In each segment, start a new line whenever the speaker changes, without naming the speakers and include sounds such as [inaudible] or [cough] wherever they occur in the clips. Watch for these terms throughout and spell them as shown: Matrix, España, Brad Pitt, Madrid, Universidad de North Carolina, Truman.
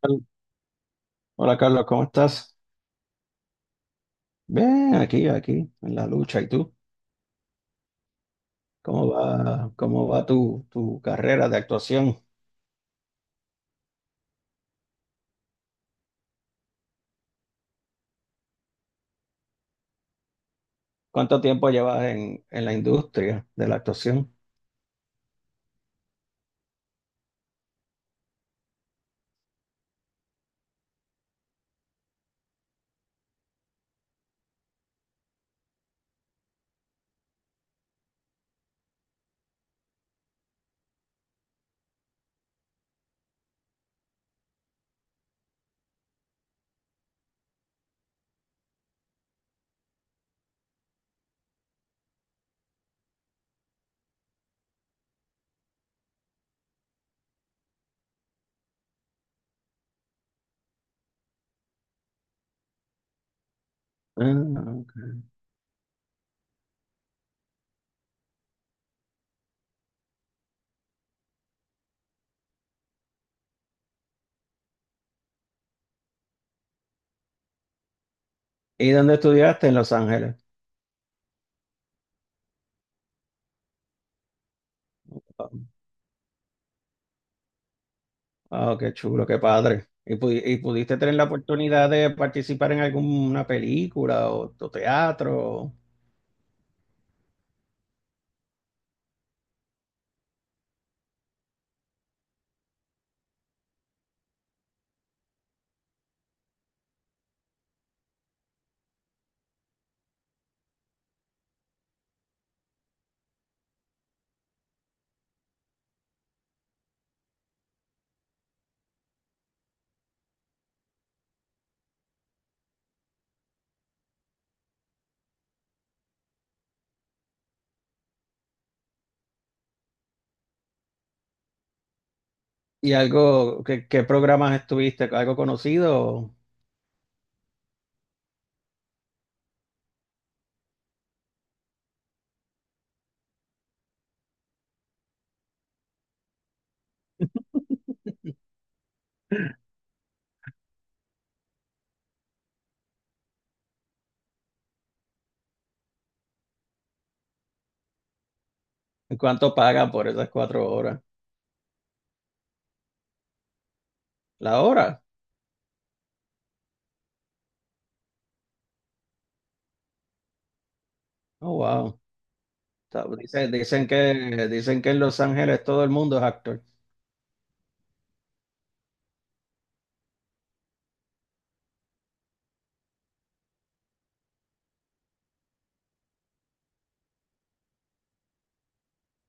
Carl- Hola Carlos, ¿cómo estás? Bien, aquí, en la lucha. ¿Y tú? ¿Cómo va tu carrera de actuación? ¿Cuánto tiempo llevas en la industria de la actuación? Ah, ok. ¿Y dónde estudiaste? En Los Ángeles. Ah, qué chulo, qué padre. ¿Y pudiste tener la oportunidad de participar en alguna película o teatro? ¿Y qué programas estuviste? ¿Algo conocido? ¿Y cuánto pagan por esas 4 horas? ¿La hora? Oh, wow. Sea, dicen que en Los Ángeles todo el mundo es actor.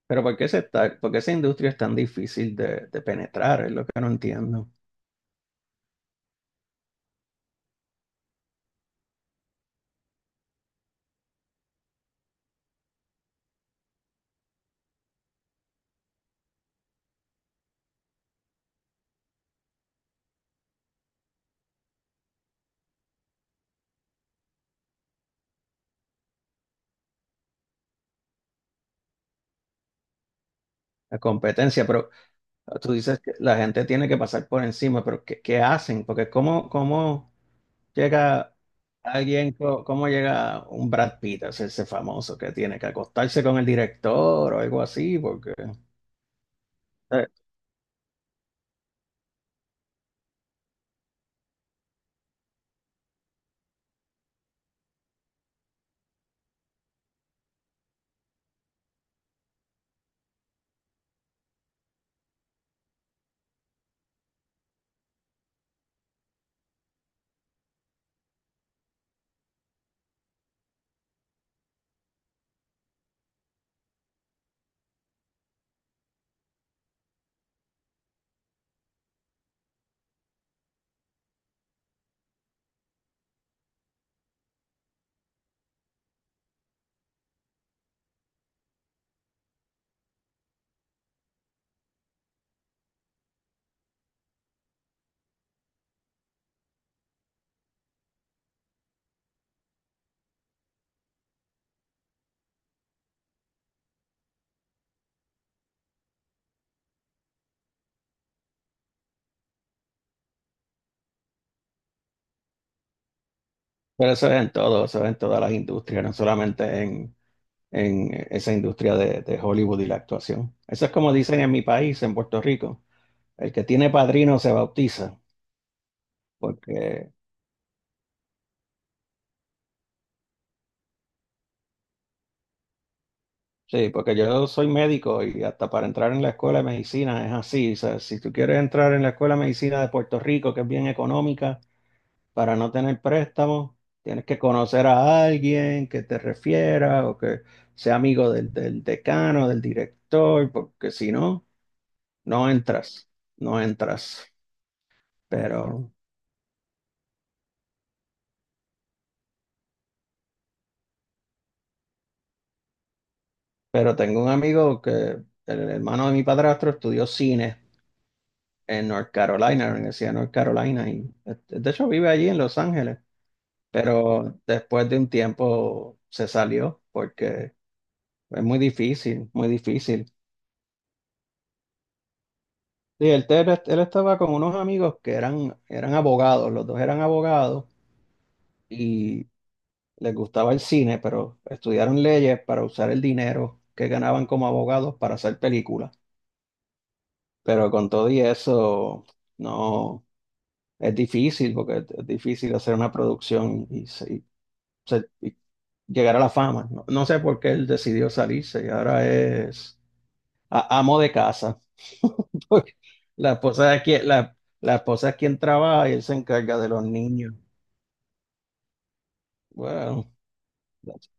Pero ¿por qué esa industria es tan difícil de penetrar? Es lo que no entiendo. La competencia, pero tú dices que la gente tiene que pasar por encima, pero ¿qué hacen? Porque ¿cómo llega alguien, cómo llega un Brad Pitt a hacerse famoso? Que tiene que acostarse con el director o algo así, porque... eh, Pero eso es en todo, eso es en todas las industrias, no solamente en esa industria de Hollywood y la actuación. Eso es como dicen en mi país, en Puerto Rico, el que tiene padrino se bautiza. Porque sí, porque yo soy médico y hasta para entrar en la escuela de medicina es así. O sea, si tú quieres entrar en la escuela de medicina de Puerto Rico, que es bien económica, para no tener préstamos, tienes que conocer a alguien que te refiera o que sea amigo del decano, del director, porque si no, no entras, no entras. Pero Pero tengo un amigo que, el hermano de mi padrastro, estudió cine en North Carolina, en la Universidad de North Carolina, y este, de hecho, vive allí en Los Ángeles, pero después de un tiempo se salió porque es muy difícil, muy difícil. Sí, él estaba con unos amigos que eran abogados, los dos eran abogados y les gustaba el cine, pero estudiaron leyes para usar el dinero que ganaban como abogados para hacer películas. Pero con todo y eso, no. Es difícil, porque es difícil hacer una producción y llegar a la fama. No, no sé por qué él decidió salirse y ahora es amo de casa. [laughs] Porque la esposa es quien, la esposa es quien trabaja y él se encarga de los niños. Bueno, that's-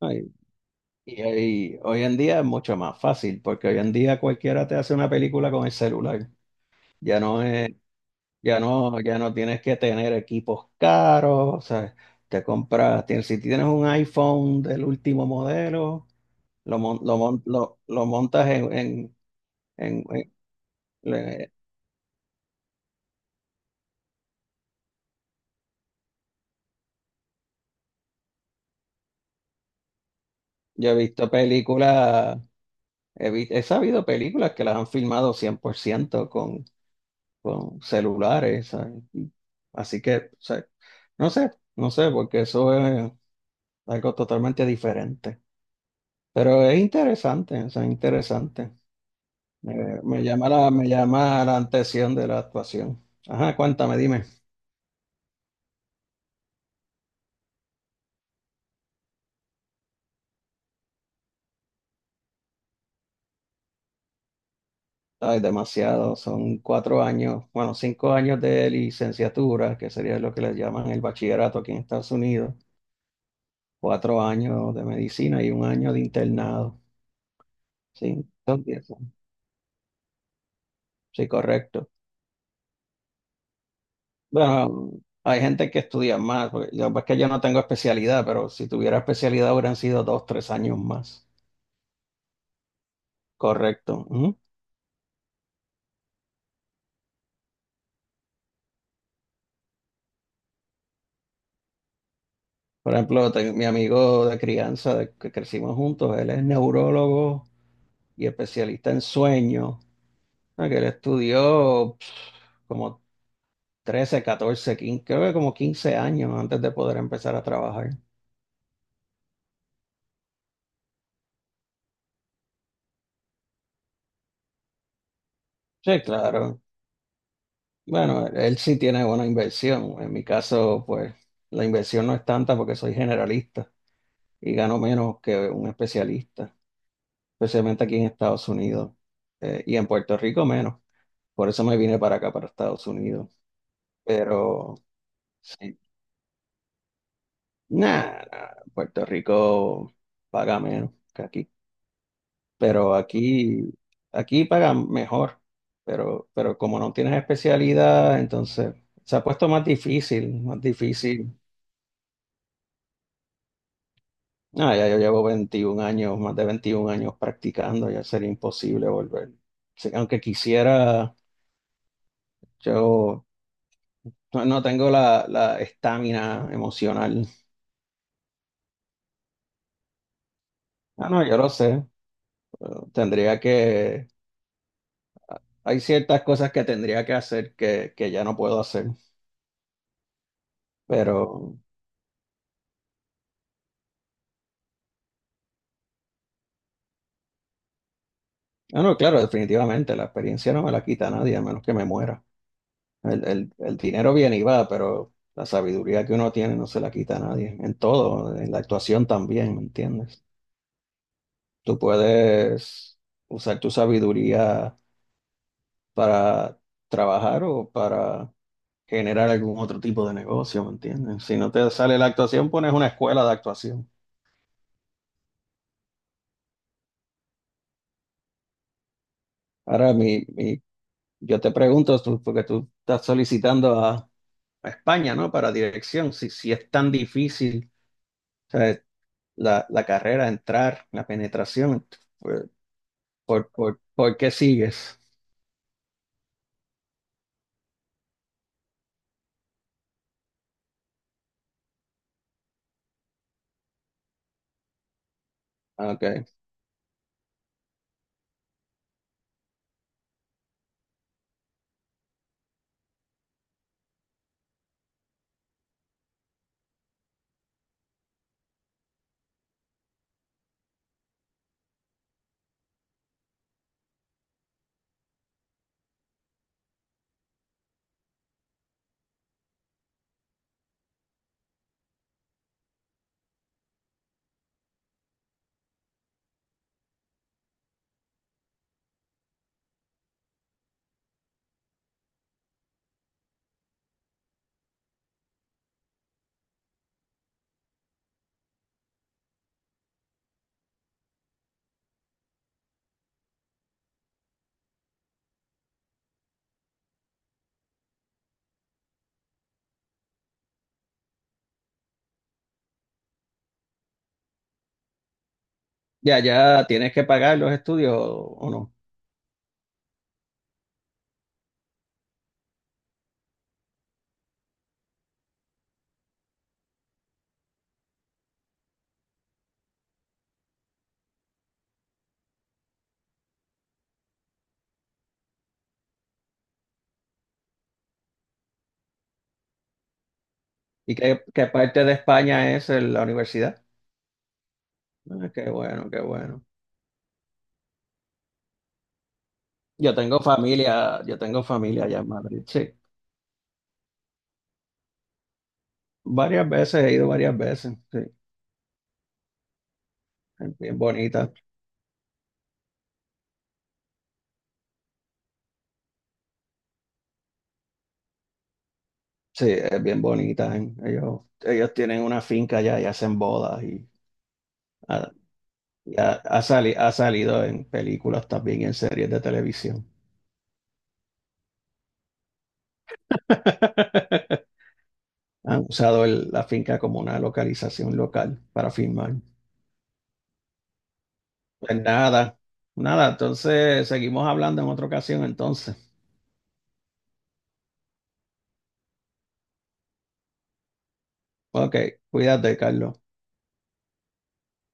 ay, y hoy en día es mucho más fácil, porque hoy en día cualquiera te hace una película con el celular. Ya no es. Ya no, ya no tienes que tener equipos caros, o sea, te compras, tienes, si tienes un iPhone del último modelo, lo montas en- le- yo he visto películas, he sabido películas que las han filmado 100% con celulares, ¿sabes? Así que, o sea, no sé, no sé, porque eso es algo totalmente diferente, pero es interesante, o sea, interesante. Me me llama la atención de la actuación. Ajá, cuéntame, dime. Ay, demasiado, son 4 años, bueno, 5 años de licenciatura, que sería lo que les llaman el bachillerato aquí en Estados Unidos, 4 años de medicina y un año de internado. Sí, son 10 años. Sí, correcto. Bueno, hay gente que estudia más, porque yo, es que yo no tengo especialidad, pero si tuviera especialidad hubieran sido dos, tres años más. Correcto. Ujú. Por ejemplo, mi amigo de crianza, que crecimos juntos, él es neurólogo y especialista en sueños. Ah, que él estudió como 13, 14, 15, creo que como 15 años antes de poder empezar a trabajar. Sí, claro. Bueno, él sí tiene buena inversión. En mi caso, pues la inversión no es tanta porque soy generalista y gano menos que un especialista, especialmente aquí en Estados Unidos, y en Puerto Rico menos. Por eso me vine para acá, para Estados Unidos. Pero sí. Nah, nah, Puerto Rico paga menos que aquí, pero aquí paga mejor, pero, como no tienes especialidad, entonces se ha puesto más difícil, más difícil. Ah, ya yo llevo 21 años, más de 21 años practicando, ya sería imposible volver. Sí, aunque quisiera, yo no, no tengo la estamina emocional. Ah, no, yo lo sé. Pero tendría que, hay ciertas cosas que tendría que hacer que ya no puedo hacer. Pero, ah, no, claro, definitivamente, la experiencia no me la quita nadie, a menos que me muera. El dinero viene y va, pero la sabiduría que uno tiene no se la quita a nadie, en todo, en la actuación también, ¿me entiendes? Tú puedes usar tu sabiduría para trabajar o para generar algún otro tipo de negocio, ¿me entiendes? Si no te sale la actuación, pones una escuela de actuación. Ahora, mi yo te pregunto, porque tú estás solicitando a España, ¿no? Para dirección, si es tan difícil, o sea, la carrera, entrar, la penetración, ¿por, por qué sigues? Ah, ok. Ya, ya tienes que pagar los estudios o no. ¿Y qué parte de España es la universidad? Ah, qué bueno, qué bueno. Yo tengo familia allá en Madrid, sí. Varias veces, he ido varias veces, sí. Es bien bonita. Sí, es bien bonita. ¿Eh? Ellos tienen una finca allá y hacen bodas ha, y ha salido en películas también y en series de televisión. [laughs] Han usado la finca como una localización local para filmar. Pues nada, nada, entonces seguimos hablando en otra ocasión entonces. Ok, cuídate, Carlos.